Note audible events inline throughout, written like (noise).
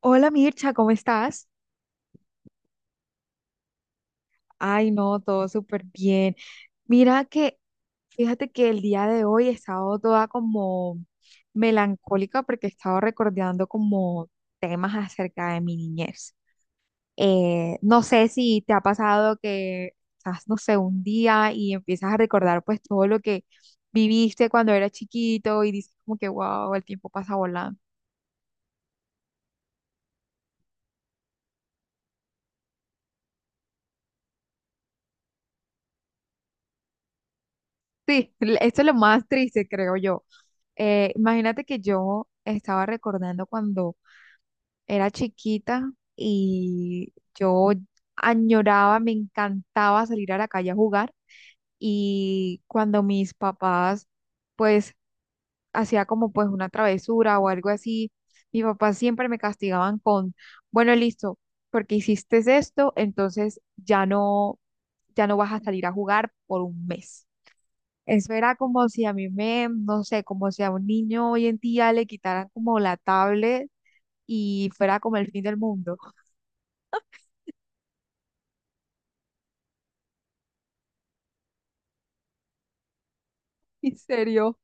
Hola Mircha, ¿cómo estás? Ay, no, todo súper bien. Mira que, fíjate que el día de hoy he estado toda como melancólica porque he estado recordando como temas acerca de mi niñez. No sé si te ha pasado que estás, no sé, un día y empiezas a recordar pues todo lo que viviste cuando eras chiquito y dices como que, wow, el tiempo pasa volando. Sí, (laughs) esto es lo más triste, creo yo. Imagínate que yo estaba recordando cuando era chiquita y yo añoraba, me encantaba salir a la calle a jugar y cuando mis papás pues hacía como pues una travesura o algo así, mis papás siempre me castigaban con, bueno, listo, porque hiciste esto, entonces ya no vas a salir a jugar por un mes. Eso era como si a mí me, no sé, como si a un niño hoy en día le quitaran como la tablet y fuera como el fin del mundo. (laughs) ¿En serio?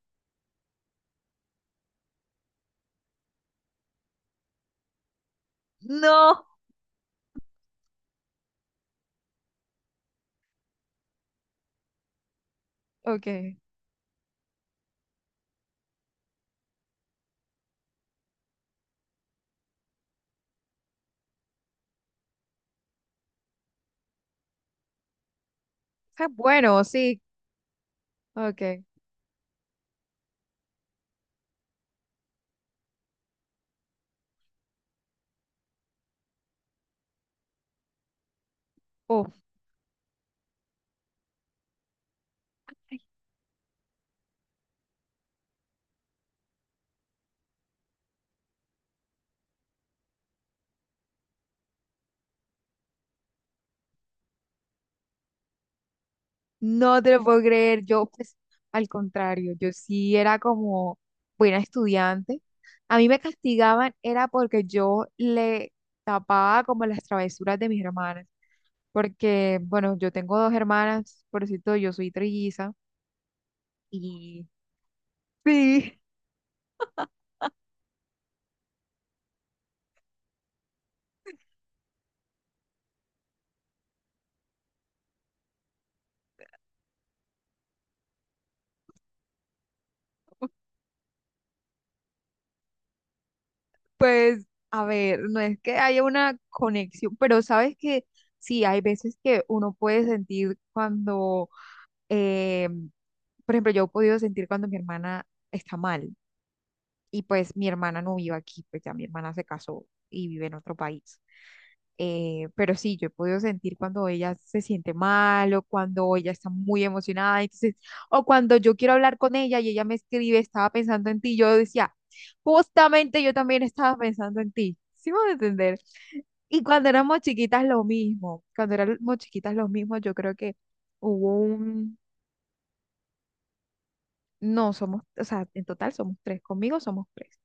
No. Ok. Ah, bueno, sí. Ok. Uf, no te lo puedo creer. Yo, pues, al contrario, yo sí era como buena estudiante. A mí me castigaban era porque yo le tapaba como las travesuras de mis hermanas. Porque, bueno, yo tengo dos hermanas, por cierto, yo soy trilliza. Y sí, pues a ver, no es que haya una conexión, pero sabes que sí, hay veces que uno puede sentir cuando, eh, por ejemplo, yo he podido sentir cuando mi hermana está mal y pues mi hermana no vive aquí, pues ya mi hermana se casó y vive en otro país. Pero sí, yo he podido sentir cuando ella se siente mal o cuando ella está muy emocionada, entonces, o cuando yo quiero hablar con ella y ella me escribe, estaba pensando en ti, yo decía, justamente yo también estaba pensando en ti, ¿sí me voy a entender? Y cuando éramos chiquitas lo mismo, cuando éramos chiquitas lo mismo, yo creo que hubo un, no, somos, o sea, en total somos tres, conmigo somos tres.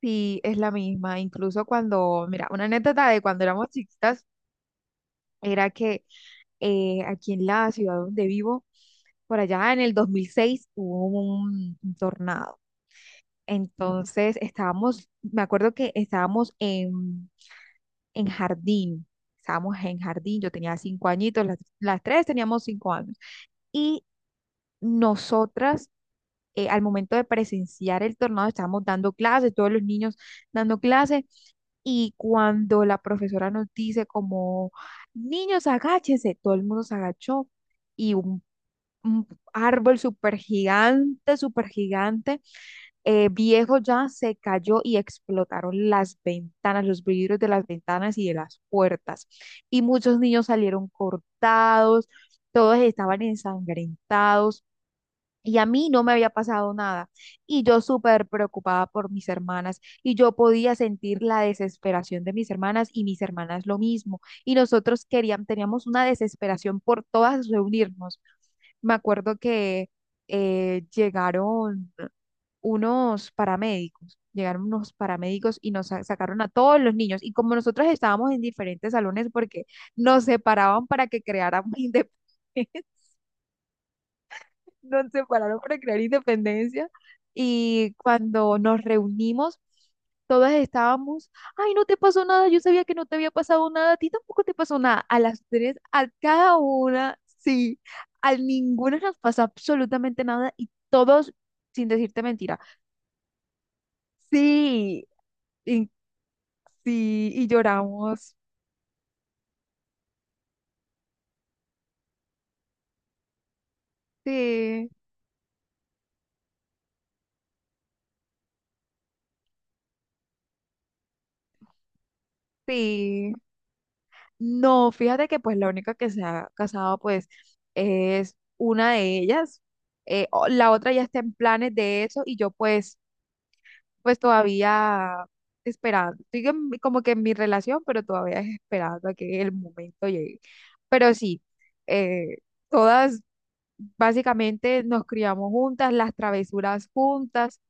Sí, es la misma, incluso cuando, mira, una anécdota de cuando éramos chiquitas era que aquí en la ciudad donde vivo, por allá en el 2006 hubo un tornado. Entonces estábamos, me acuerdo que en jardín, estábamos en jardín, yo tenía 5 añitos, las tres teníamos 5 años. Y nosotras, al momento de presenciar el tornado, estábamos dando clases, todos los niños dando clases, y cuando la profesora nos dice como, niños, agáchense, todo el mundo se agachó. Y un árbol súper gigante, viejo ya, se cayó y explotaron las ventanas, los vidrios de las ventanas y de las puertas. Y muchos niños salieron cortados, todos estaban ensangrentados. Y a mí no me había pasado nada. Y yo súper preocupada por mis hermanas. Y yo podía sentir la desesperación de mis hermanas y mis hermanas lo mismo. Y nosotros queríamos, teníamos una desesperación por todas reunirnos. Me acuerdo que eh, llegaron llegaron unos paramédicos y nos sacaron a todos los niños. Y como nosotros estábamos en diferentes salones porque nos separaban para que creáramos (laughs) independencia nos separaron para no crear independencia y cuando nos reunimos, todas estábamos, ay, no te pasó nada, yo sabía que no te había pasado nada, a ti tampoco te pasó nada. A las tres, a cada una, sí, a ninguna nos pasó absolutamente nada y todos, sin decirte mentira, sí, y, sí, y lloramos, sí, sí. No, fíjate que pues la única que se ha casado pues es una de ellas. La otra ya está en planes de eso y yo pues pues todavía esperando. Como que en mi relación, pero todavía es esperando a que el momento llegue. Pero sí, eh, todas básicamente nos criamos juntas, las travesuras juntas,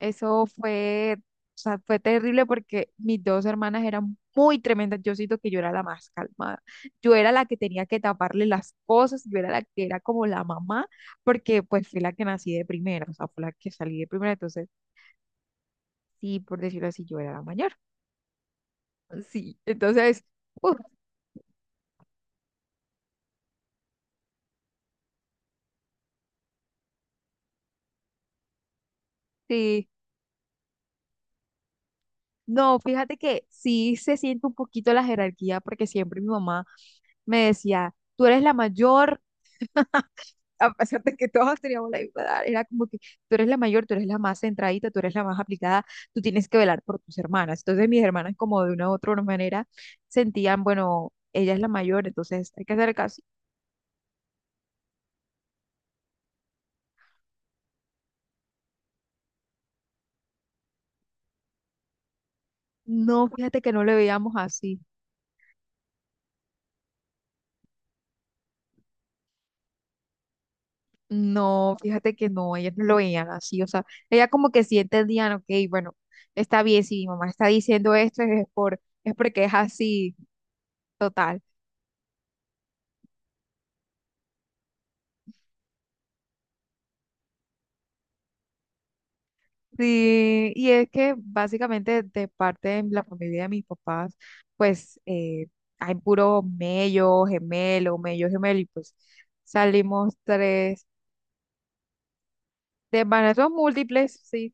eso fue, o sea, fue terrible porque mis dos hermanas eran muy tremendas. Yo siento que yo era la más calmada. Yo era la que tenía que taparle las cosas, yo era la que era como la mamá, porque pues fui la que nací de primera, o sea, fue la que salí de primera. Entonces, sí, por decirlo así, yo era la mayor. Sí, entonces, uf, sí. No, fíjate que sí se siente un poquito la jerarquía porque siempre mi mamá me decía, tú eres la mayor, a pesar de que todos teníamos la misma edad, era como que tú eres la mayor, tú eres la más centradita, tú eres la más aplicada, tú tienes que velar por tus hermanas. Entonces mis hermanas como de una u otra manera sentían, bueno, ella es la mayor, entonces hay que hacer caso. No, fíjate que no le veíamos así. No, fíjate que no, ellas no lo veían así. O sea, ella como que sí entendían, ok, bueno, está bien, si mi mamá está diciendo esto es por, es porque es así, total. Sí, y es que básicamente de parte de la familia de mis papás, pues hay puro mello, gemelo, y pues salimos tres de embarazos múltiples, sí.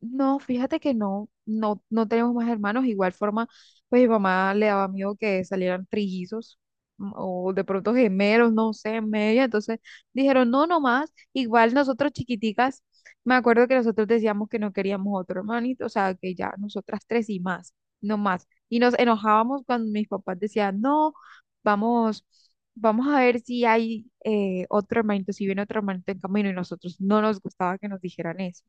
No, fíjate que no, no tenemos más hermanos. Igual forma, pues mi mamá le daba miedo que salieran trillizos o de pronto gemelos, no sé, en medio. Entonces dijeron, no, no más. Igual nosotros chiquiticas, me acuerdo que nosotros decíamos que no queríamos otro hermanito, o sea, que ya nosotras tres y más, no más. Y nos enojábamos cuando mis papás decían, no, vamos, vamos a ver si hay otro hermanito, si viene otro hermanito en camino. Y nosotros no nos gustaba que nos dijeran eso.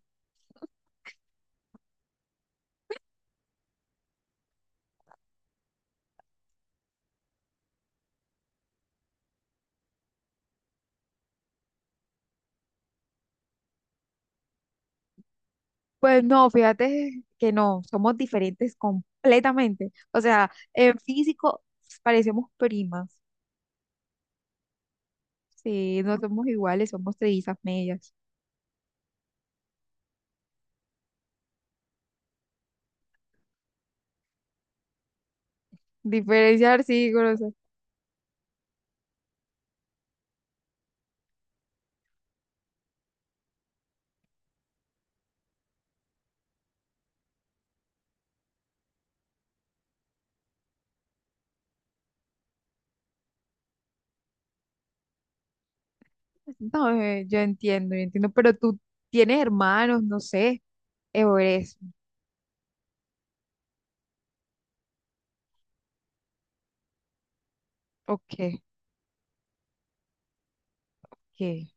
Pues no, fíjate que no, somos diferentes completamente. O sea, en físico parecemos primas. Sí, no somos iguales, somos trillizas medias. Diferenciar, sí, conocer. No, yo entiendo, yo entiendo. Pero tú tienes hermanos, no sé, o eres. Ok, ok,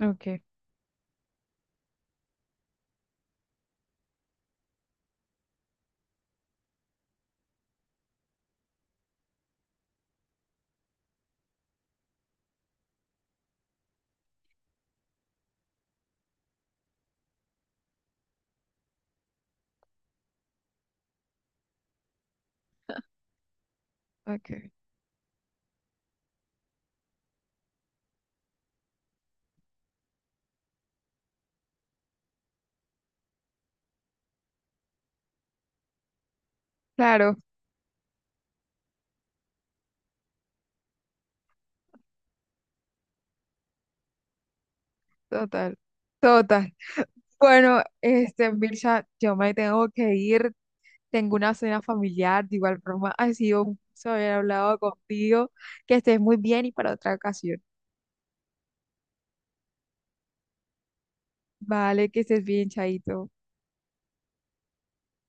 ok, ok. Claro, total. Total. Bueno, este, Mirza, yo me tengo que ir. Tengo una cena familiar, de igual forma ha sido un gusto haber hablado contigo. Que estés muy bien y para otra ocasión. Vale, que estés bien, Chaito.